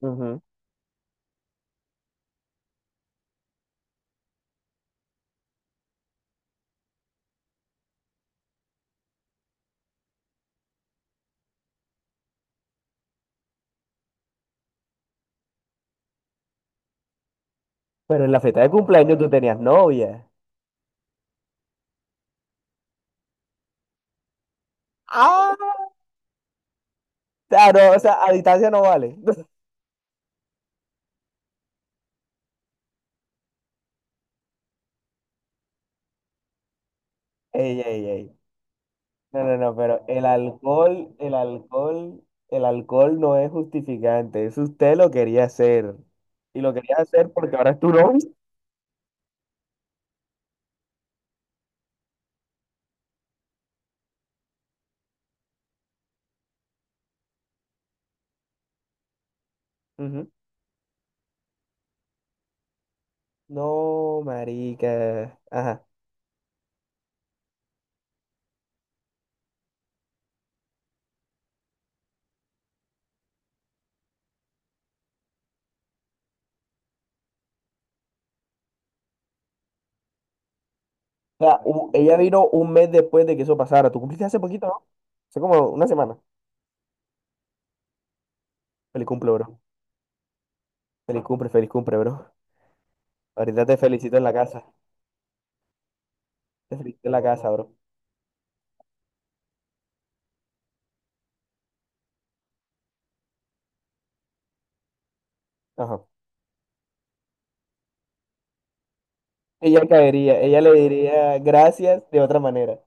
Ujú. Pero en la fiesta de cumpleaños tú tenías novia. Ah, Ah, no, o sea, a distancia no vale. Ey, ey, ey. No, no, no, pero el alcohol no es justificante. Eso usted lo quería hacer. Y lo quería hacer porque ahora es tu novia. Ujú. No, marica. Ajá. O sea, ella vino un mes después de que eso pasara. Tú cumpliste hace poquito, ¿no? Hace como una semana. Feliz cumple, bro. Feliz cumple, bro. Ahorita te felicito en la casa. Te felicito en la casa, bro. Ajá. Ella caería, ella le diría gracias de otra manera.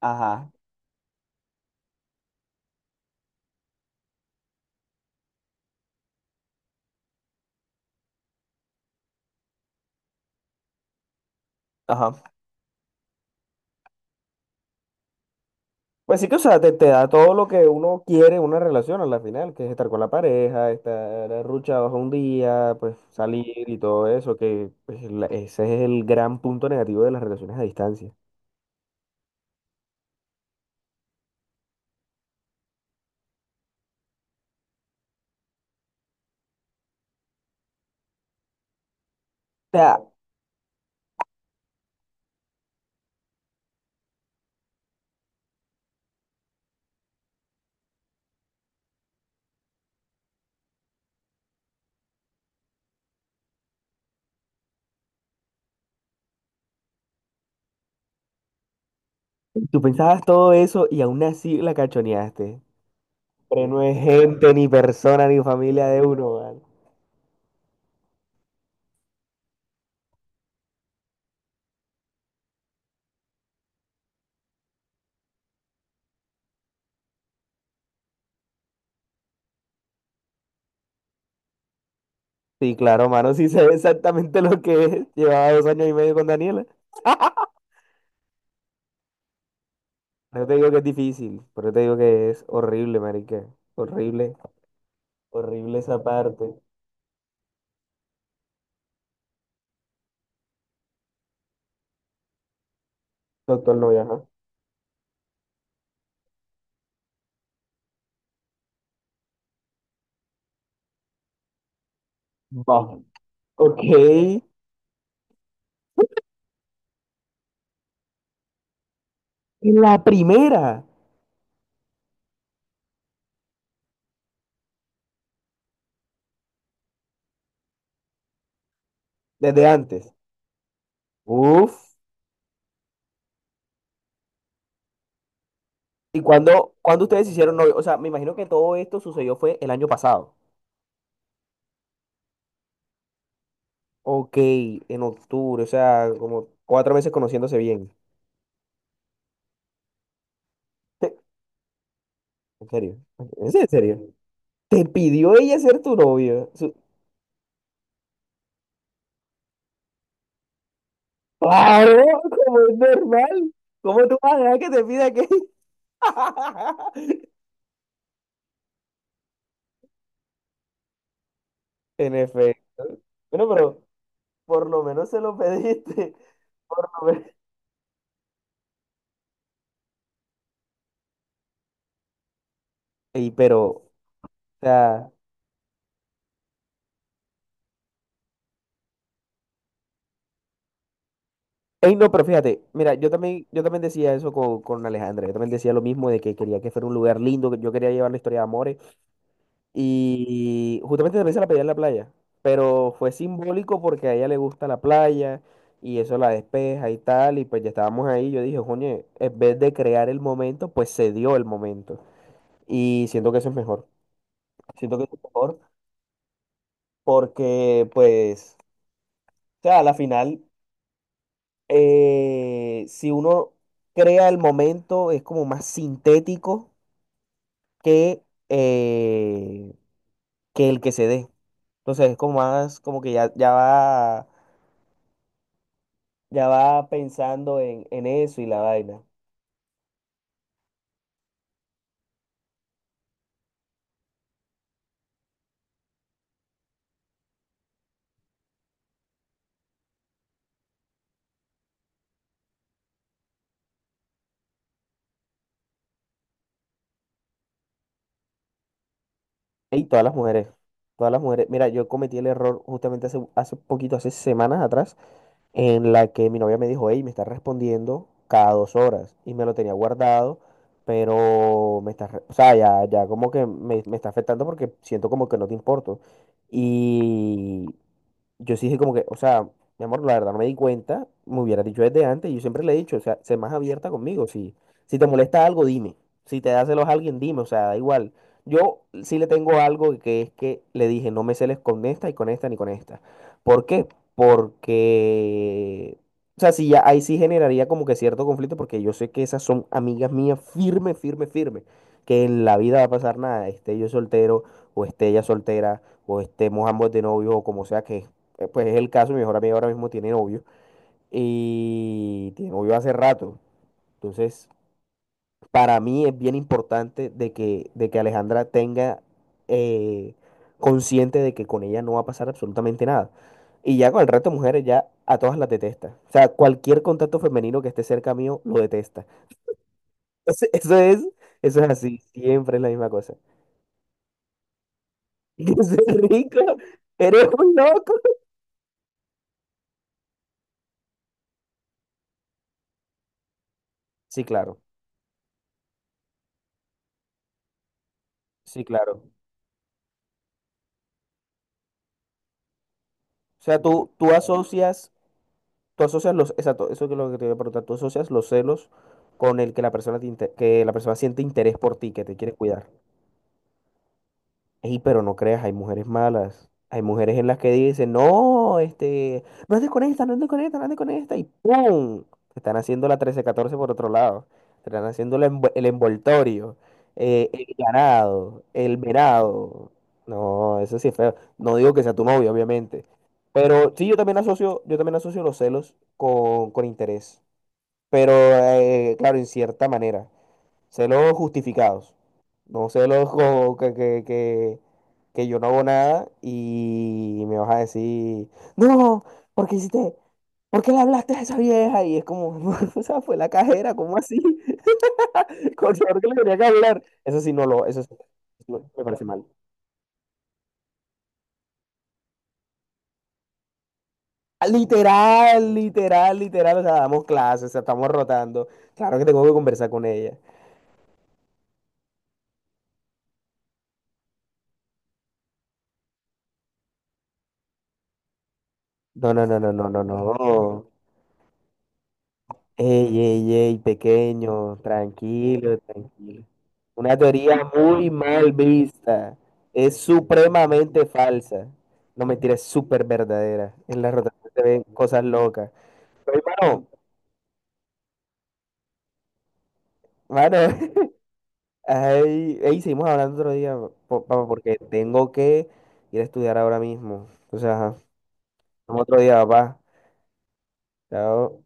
Ajá, ajá. Pues sí que, o sea, te da todo lo que uno quiere en una relación a la final, que es estar con la pareja, estar arruchados un día, pues salir y todo eso, que pues, ese es el gran punto negativo de las relaciones a distancia. O sea, tú pensabas todo eso y aún así la cachoneaste. Pero no es gente, ni persona, ni familia de uno, mano. Sí, claro, mano, sí sé exactamente lo que es. Llevaba 2 años y medio con Daniela. No te digo que es difícil, pero te digo que es horrible, marica. Horrible, horrible esa parte. Doctor Noya, ajá. Va. Ok. En la primera, desde antes. Uf. ¿Y cuándo ustedes se hicieron novio? O sea, me imagino que todo esto sucedió fue el año pasado. Ok, en octubre, o sea, como 4 meses conociéndose bien. ¿En serio? ¿En serio? ¿En serio? ¿Te pidió ella ser tu novia? Claro, como es normal. ¿Cómo tú vas a dejar que te pida que... En efecto. Bueno, pero por lo menos se lo pediste. Por lo menos. Ey, pero, o sea. Ey, no, pero fíjate, mira, yo también decía eso con Alejandra. Yo también decía lo mismo de que quería que fuera un lugar lindo, que yo quería llevar la historia de amores. Y justamente también se la pedí en la playa. Pero fue simbólico porque a ella le gusta la playa y eso la despeja y tal. Y pues ya estábamos ahí. Yo dije, coño, en vez de crear el momento, pues se dio el momento. Y siento que eso es mejor. Siento que es mejor porque, pues, o sea, a la final, si uno crea el momento, es como más sintético que, eh, que el que se dé. Entonces es como más, como que ya va pensando en eso y la vaina. Y todas las mujeres, todas las mujeres. Mira, yo cometí el error justamente hace poquito, hace semanas atrás. En la que mi novia me dijo, hey, me estás respondiendo cada 2 horas y me lo tenía guardado, pero me está, o sea, ya como que me está afectando porque siento como que no te importo. Y yo sí dije como que, o sea, mi amor, la verdad no me di cuenta, me hubiera dicho desde antes, yo siempre le he dicho, o sea, sé más abierta conmigo, si te molesta algo, dime, si te das celos a alguien, dime, o sea, da igual. Yo sí le tengo algo que es que le dije, no me celes con esta y con esta ni con esta. ¿Por qué? Porque, o sea, sí, ya ahí sí generaría como que cierto conflicto, porque yo sé que esas son amigas mías firme, firme, firme, que en la vida va a pasar nada, esté yo soltero o esté ella soltera o estemos ambos de novio o como sea que pues es el caso, mi mejor amiga ahora mismo tiene novio y tiene novio hace rato. Entonces, para mí es bien importante de que, Alejandra tenga eh, consciente de que con ella no va a pasar absolutamente nada. Y ya con el resto de mujeres ya a todas las detesta. O sea, cualquier contacto femenino que esté cerca mío lo detesta. Entonces, eso es así, siempre es la misma cosa. Entonces, rico, eres un loco. Sí, claro, sí, claro. O sea, exacto, eso es lo que te voy a preguntar, tú asocias los celos con el que la persona que la persona siente interés por ti, que te quiere cuidar. Ey, pero no creas, hay mujeres malas. Hay mujeres en las que dicen, no, este, no andes con esta, no andes con esta, no andes con esta, y ¡pum! Te están haciendo la trece catorce por otro lado. Te están haciendo el envoltorio, el ganado, el venado. No, eso sí es feo. No digo que sea tu novio, obviamente. Pero sí, yo también asocio los celos con interés pero claro, en cierta manera. Celos justificados. No celos como que yo no hago nada y me vas a decir, no, ¿por qué hiciste? ¿Por qué le hablaste a esa vieja? Y es como, "No, o sea, fue la cajera, ¿cómo así? Con suerte que le tenía que hablar. Eso sí, no lo, eso sí, no, me parece mal. Ah, literal, literal, literal, o sea, damos clases, o sea, estamos rotando. Claro que tengo que conversar con ella. No, no, no, no, no, no, no. Ey, ey, ey, pequeño, tranquilo, tranquilo. Una teoría muy mal vista. Es supremamente falsa. No, mentira, es súper verdadera. En la rotación se ven cosas locas. Pero, mano, mano, ay, ey, seguimos hablando otro día, papá, porque tengo que ir a estudiar ahora mismo. Entonces, ajá, vemos otro día, papá. Chao.